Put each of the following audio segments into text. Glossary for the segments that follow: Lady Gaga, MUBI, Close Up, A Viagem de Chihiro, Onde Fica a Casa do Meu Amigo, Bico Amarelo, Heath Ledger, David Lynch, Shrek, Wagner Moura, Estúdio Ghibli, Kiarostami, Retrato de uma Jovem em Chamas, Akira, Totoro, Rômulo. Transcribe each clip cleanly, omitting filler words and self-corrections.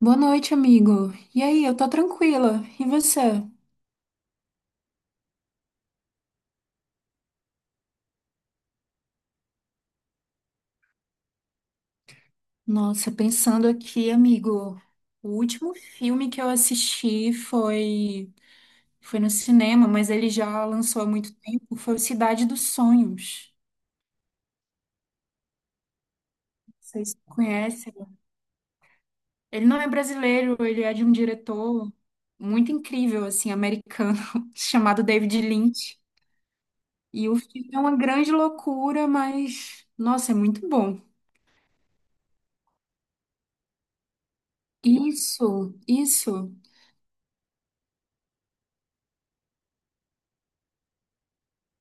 Boa noite, amigo. E aí, eu tô tranquila. E você? Nossa, pensando aqui, amigo, o último filme que eu assisti foi no cinema, mas ele já lançou há muito tempo, foi o Cidade dos Sonhos. Não sei se conhece. Ele não é brasileiro, ele é de um diretor muito incrível, assim, americano, chamado David Lynch. E o filme é uma grande loucura, mas, nossa, é muito bom. Isso, isso.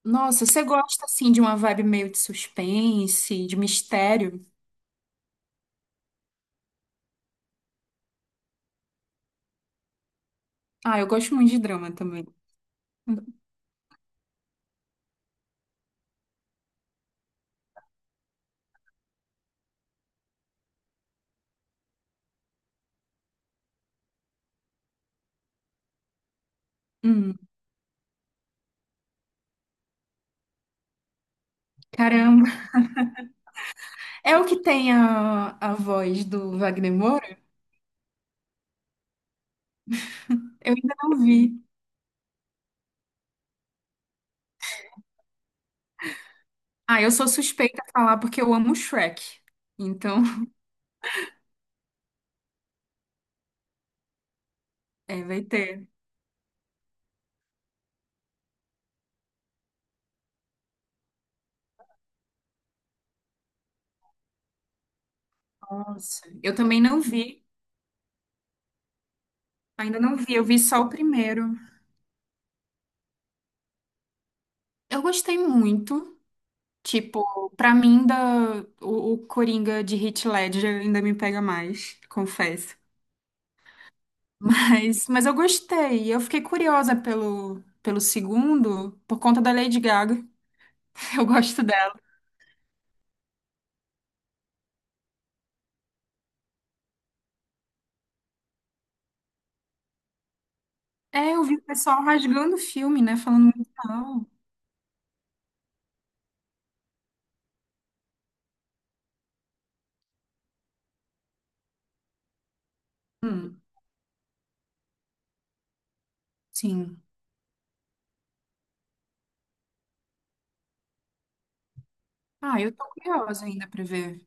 Nossa, você gosta assim de uma vibe meio de suspense, de mistério? Ah, eu gosto muito de drama também. Hum, caramba. É o que tem a voz do Wagner Moura? Eu ainda não vi. Ah, eu sou suspeita a falar porque eu amo Shrek. Então, é, vai ter. Nossa. Eu também não vi. Ainda não vi. Eu vi só o primeiro. Eu gostei muito. Tipo, pra mim, da, o Coringa de Heath Ledger ainda me pega mais, confesso. Mas eu gostei. Eu fiquei curiosa pelo, pelo segundo, por conta da Lady Gaga. Eu gosto dela. É, eu vi o pessoal rasgando o filme, né? Falando muito mal. Hum, sim. Ah, eu tô curiosa ainda pra ver.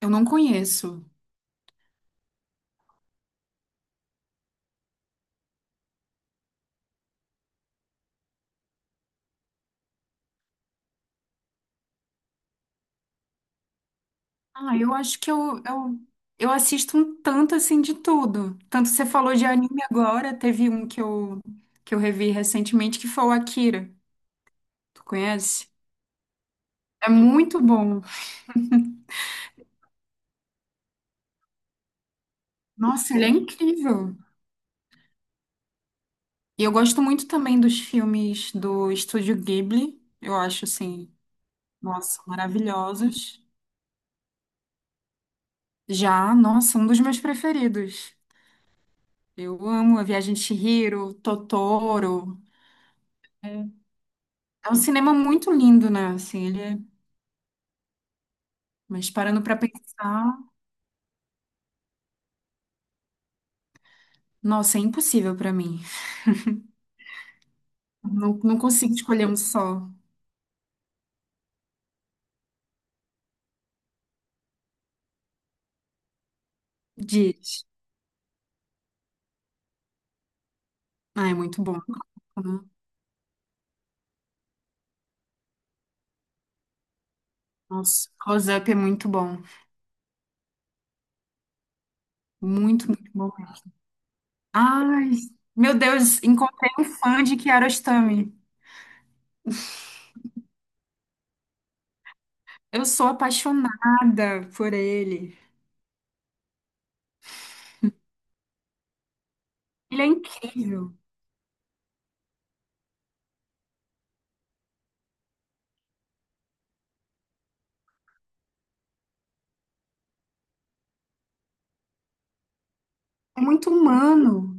Eu não conheço. Ah, eu acho que eu assisto um tanto assim de tudo. Tanto você falou de anime agora, teve um que eu revi recentemente que foi o Akira. Tu conhece? É muito bom. Nossa, ele é incrível. E eu gosto muito também dos filmes do Estúdio Ghibli. Eu acho, assim, nossa, maravilhosos. Já, nossa, um dos meus preferidos. Eu amo A Viagem de Chihiro, Totoro. É É um cinema muito lindo, né? Assim, ele é... Mas parando pra pensar, nossa, é impossível pra mim. Não, não consigo escolher um só. Diz. Ah, é muito bom. Né? Nossa, Close Up é muito bom. Muito, muito bom. Ai, meu Deus, encontrei um fã de Kiarostami. Eu sou apaixonada por ele. Ele é incrível. É muito humano.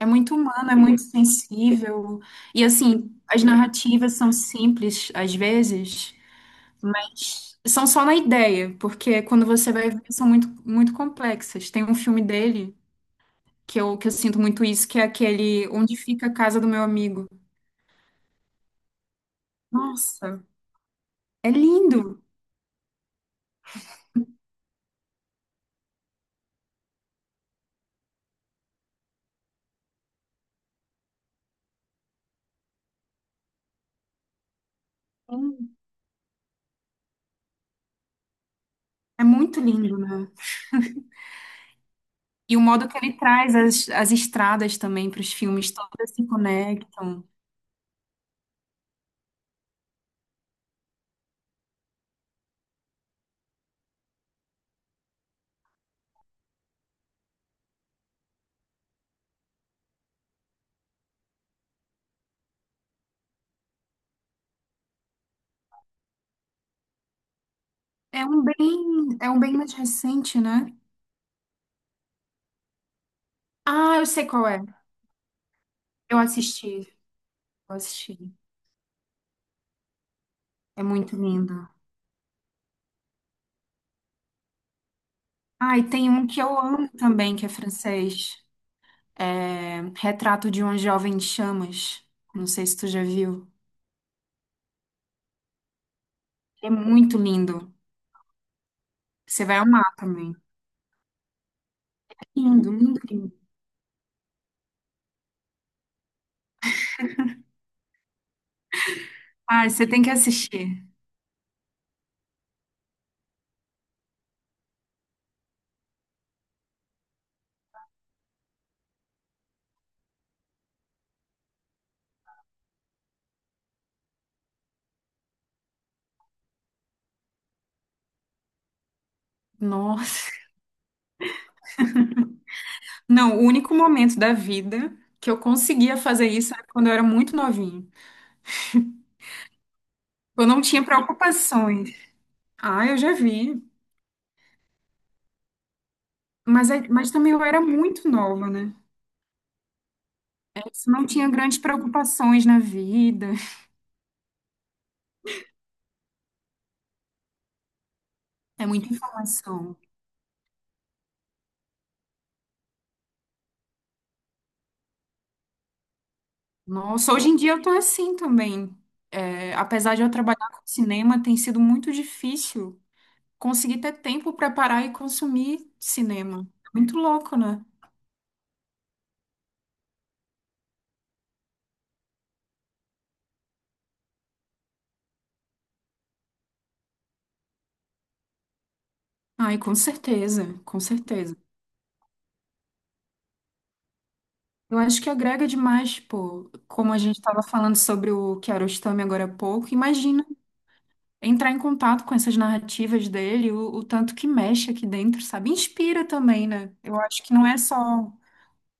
É muito humano, é muito sensível. E assim, as narrativas são simples às vezes, mas são só na ideia, porque quando você vai ver, são muito, muito complexas. Tem um filme dele que eu sinto muito isso, que é aquele Onde Fica a Casa do Meu Amigo. Nossa, é lindo. É muito lindo, né? E o modo que ele traz as, as estradas também para os filmes, todas se conectam. É um bem mais recente, né? Ah, eu sei qual é. Eu assisti, eu assisti. É muito lindo. Ah, e tem um que eu amo também, que é francês. É Retrato de uma Jovem em Chamas. Não sei se tu já viu. É muito lindo. Você vai amar também. Lindo, lindo, lindo. Ah, você tem que assistir. Nossa. Não, o único momento da vida que eu conseguia fazer isso era quando eu era muito novinha. Eu não tinha preocupações. Ah, eu já vi. Mas, é- mas também eu era muito nova, né? Isso não tinha grandes preocupações na vida. É muita informação. Nossa, hoje em dia eu tô assim também. É, apesar de eu trabalhar com cinema, tem sido muito difícil conseguir ter tempo para parar e consumir cinema. Muito louco, né? Ai, com certeza, com certeza. Eu acho que agrega demais, pô. Como a gente estava falando sobre o Kiarostami agora há pouco, imagina entrar em contato com essas narrativas dele, o tanto que mexe aqui dentro, sabe? Inspira também, né? Eu acho que não é só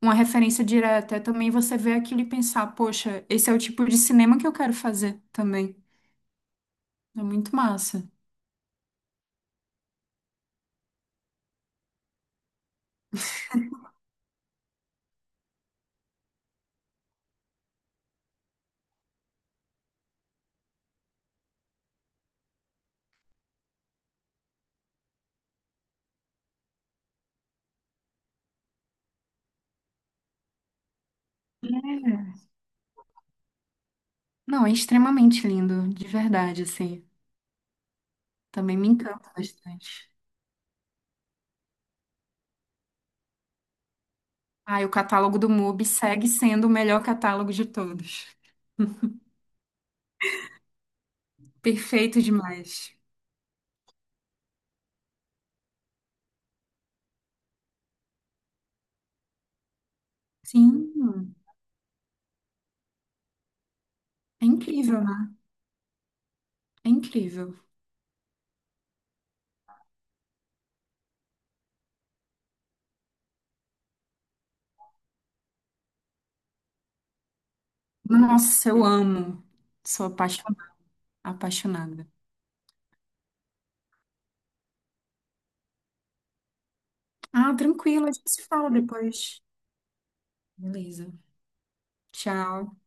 uma referência direta, é também você ver aquilo e pensar, poxa, esse é o tipo de cinema que eu quero fazer também. É muito massa. É. Não, é extremamente lindo, de verdade, assim. Também me encanta bastante. Ah, e o catálogo do MUBI segue sendo o melhor catálogo de todos. Perfeito demais. Sim, é incrível, né? É incrível. Nossa, eu amo. Sou apaixon- apaixonada. Ah, tranquilo, a gente se fala depois. Beleza. Tchau.